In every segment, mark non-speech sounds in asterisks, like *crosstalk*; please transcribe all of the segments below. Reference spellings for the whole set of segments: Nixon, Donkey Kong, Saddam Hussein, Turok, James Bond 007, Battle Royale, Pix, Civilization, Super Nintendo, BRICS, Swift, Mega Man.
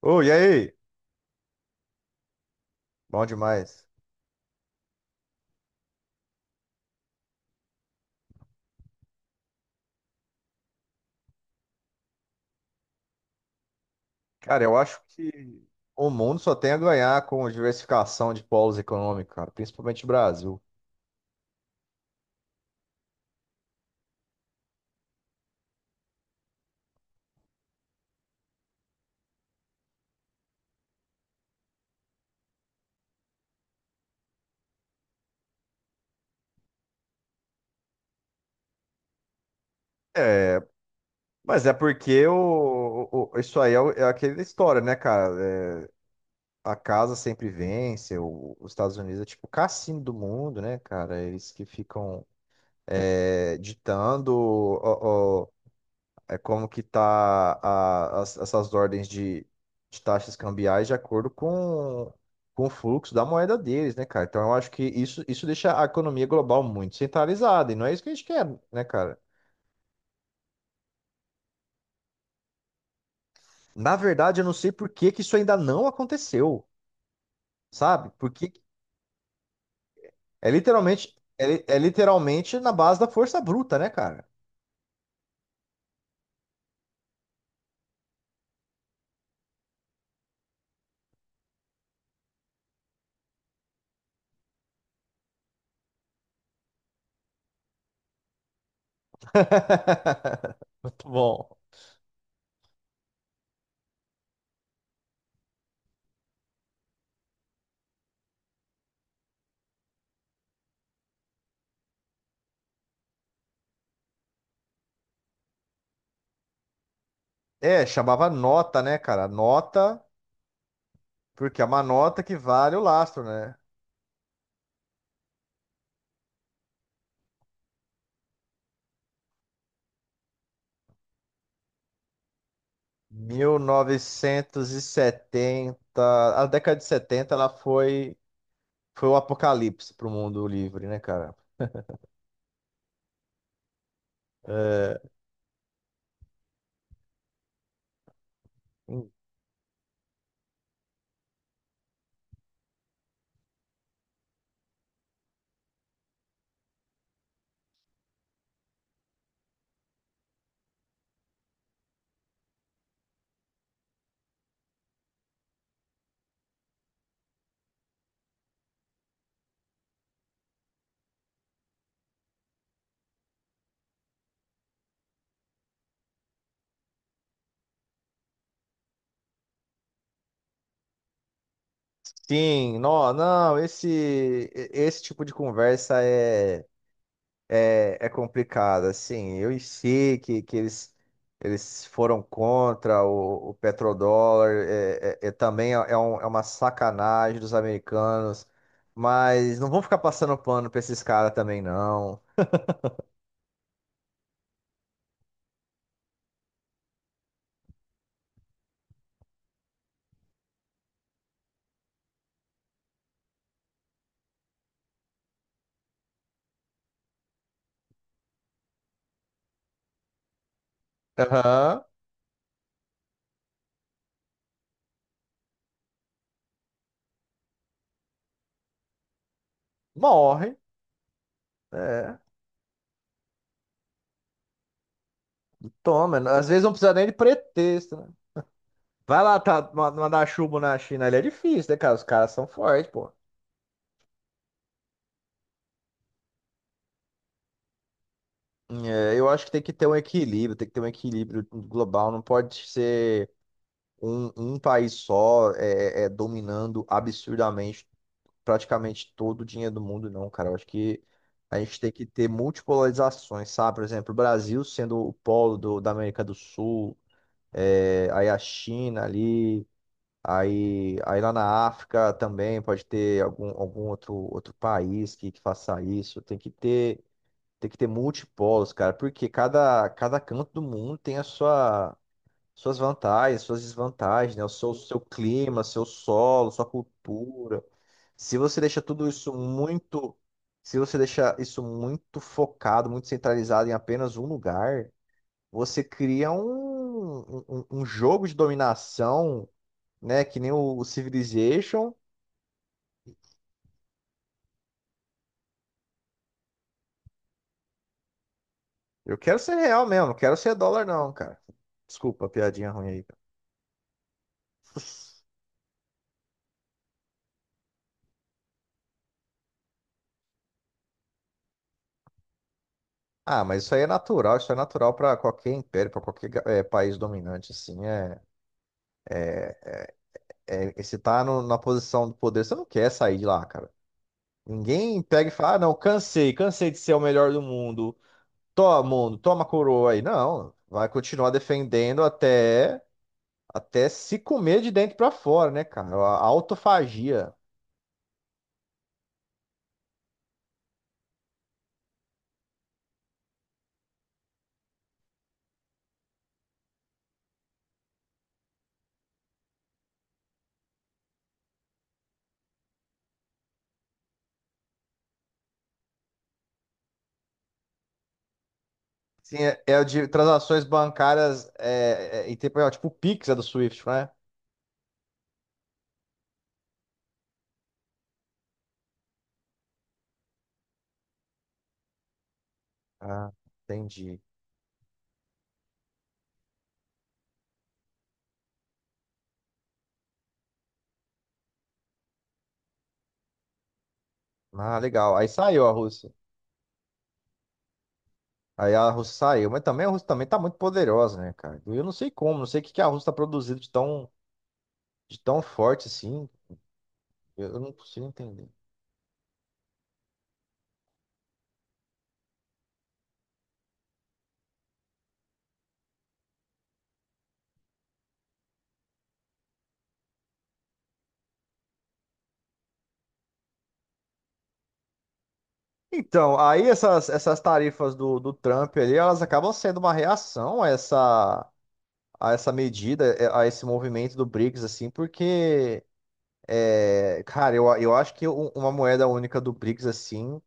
Ô, e aí? Bom demais. Cara, eu acho que o mundo só tem a ganhar com diversificação de polos econômicos, cara, principalmente o Brasil. Mas é porque isso aí é aquela história, né, cara? É, a casa sempre vence, os Estados Unidos é tipo o cassino do mundo, né, cara? Eles que ficam ditando é como que tá essas ordens de taxas cambiais de acordo com o fluxo da moeda deles, né, cara? Então eu acho que isso deixa a economia global muito centralizada, e não é isso que a gente quer, né, cara? Na verdade, eu não sei por que que isso ainda não aconteceu, sabe? Porque é literalmente na base da força bruta, né, cara? *laughs* Muito bom. É, chamava nota, né, cara? Nota, porque é uma nota que vale o lastro, né? mil novecentos e setenta A década de 70 ela foi o apocalipse para o mundo livre, né, cara? É, sim, não, não, esse tipo de conversa é complicado, assim, eu sei que eles foram contra o petrodólar, é também é uma sacanagem dos americanos, mas não vão ficar passando pano para esses caras também, não. Aham. Morre. É. Toma, às vezes não precisa nem de pretexto, né? Vai lá tá, mandar chuva na China, ali é difícil, né, cara? Os caras são fortes, pô. É, eu acho que tem que ter um equilíbrio, tem que ter um equilíbrio global, não pode ser um país só dominando absurdamente praticamente todo o dinheiro do mundo, não, cara. Eu acho que a gente tem que ter multipolarizações, sabe? Por exemplo, o Brasil sendo o polo da América do Sul, aí a China ali. Aí lá na África também pode ter algum outro país que faça isso. Tem que ter multipolos, cara, porque cada canto do mundo tem suas vantagens, suas desvantagens, né? O seu clima, seu solo, sua cultura. Se você deixa tudo isso muito, Se você deixa isso muito focado, muito centralizado em apenas um lugar, você cria um jogo de dominação, né? Que nem Civilization. Eu quero ser real mesmo, não quero ser dólar, não, cara. Desculpa, a piadinha ruim aí, cara. Ah, mas isso aí é natural, isso é natural para qualquer império, para qualquer país dominante, assim. Se tá na posição do poder, você não quer sair de lá, cara. Ninguém pega e fala: ah, não, cansei, cansei de ser o melhor do mundo. Toma, mundo, toma a coroa aí. Não, vai continuar defendendo até se comer de dentro para fora, né, cara? A autofagia. Sim, é o de transações bancárias em tempo real, tipo o Pix é do Swift, né? Ah, entendi. Ah, legal. Aí saiu a Rússia. Aí a Rússia saiu, mas também a Rússia também tá muito poderosa, né, cara? Eu não sei como, não sei o que que a Rússia tá produzindo de tão forte assim. Eu não consigo entender. Então, aí essas tarifas do Trump ali, elas acabam sendo uma reação a essa medida, a esse movimento do BRICS, assim, porque. É, cara, eu acho que uma moeda única do BRICS, assim,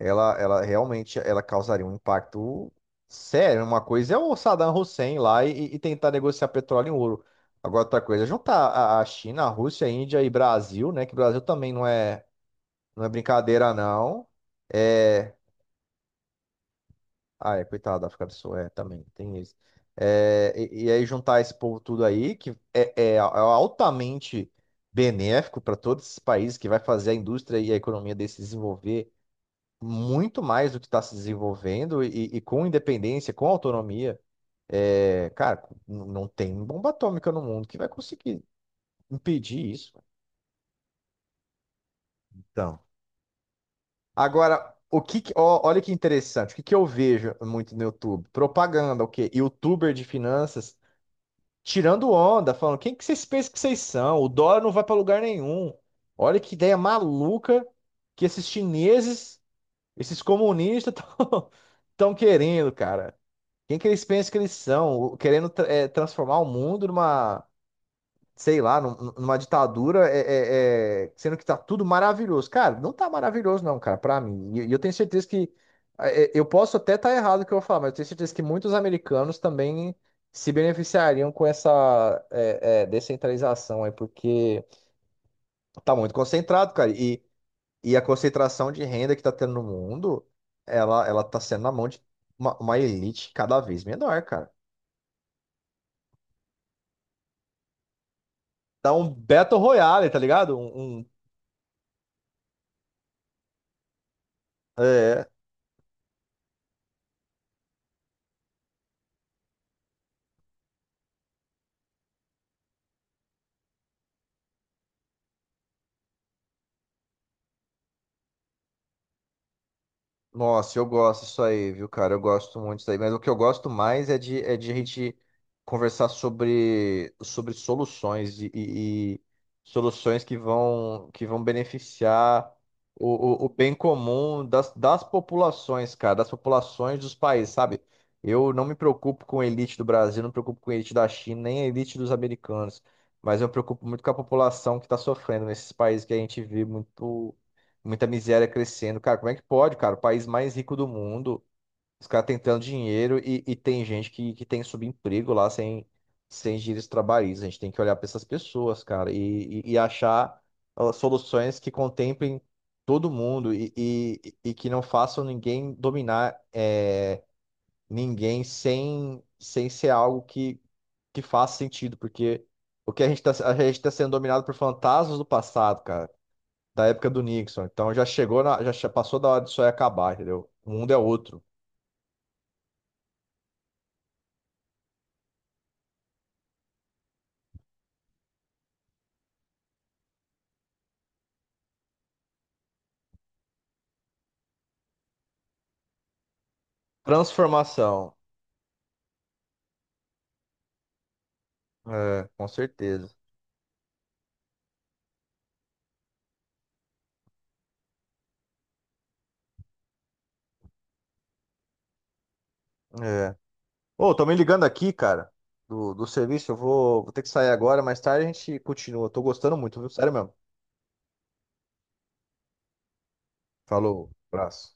ela realmente ela causaria um impacto sério. Uma coisa é o Saddam Hussein lá e tentar negociar petróleo em ouro. Agora, outra coisa é juntar a China, a Rússia, a Índia e Brasil, né? Que o Brasil também não é brincadeira, não. É, ah, coitado da África do Sul, também, tem isso. É, e aí juntar esse povo tudo aí, que é altamente benéfico para todos esses países, que vai fazer a indústria e a economia deles se desenvolver muito mais do que está se desenvolvendo, e com independência, com autonomia. É, cara, não tem bomba atômica no mundo que vai conseguir impedir isso. Então, agora, ó, olha que interessante, o que, que eu vejo muito no YouTube? Propaganda, o quê? Youtuber de finanças tirando onda, falando: quem que vocês pensam que vocês são? O dólar não vai para lugar nenhum. Olha que ideia maluca que esses chineses, esses comunistas estão *laughs* querendo, cara. Quem que eles pensam que eles são? Querendo transformar o mundo numa, sei lá, numa ditadura, sendo que tá tudo maravilhoso. Cara, não tá maravilhoso, não, cara, pra mim. E eu tenho certeza que. Eu posso até estar errado no que eu vou falar, mas eu tenho certeza que muitos americanos também se beneficiariam com essa descentralização aí, porque tá muito concentrado, cara. E a concentração de renda que tá tendo no mundo, ela tá sendo na mão de uma elite cada vez menor, cara. Dá um Battle Royale, tá ligado? É, Nossa, eu gosto disso aí, viu, cara? Eu gosto muito disso aí. Mas o que eu gosto mais é de a gente conversar sobre soluções e soluções que vão beneficiar o bem comum das populações, cara, das populações dos países, sabe? Eu não me preocupo com a elite do Brasil, não me preocupo com a elite da China, nem a elite dos americanos. Mas eu me preocupo muito com a população que está sofrendo nesses países, que a gente vê muito muita miséria crescendo. Cara, como é que pode, cara? O país mais rico do mundo, os caras tentando dinheiro e tem gente que tem subemprego lá sem direitos trabalhistas. A gente tem que olhar para essas pessoas, cara, e achar soluções que contemplem todo mundo e que não façam ninguém dominar ninguém sem ser algo que faça sentido, porque. O que a gente está, A gente tá sendo dominado por fantasmas do passado, cara, da época do Nixon. Então já chegou na, já che- passou da hora disso aí acabar, entendeu? O mundo é outro. Transformação. É, com certeza. É. Ô, tô me ligando aqui, cara, do serviço. Vou ter que sair agora, mais tarde a gente continua. Tô gostando muito, viu? Sério mesmo. Falou, abraço.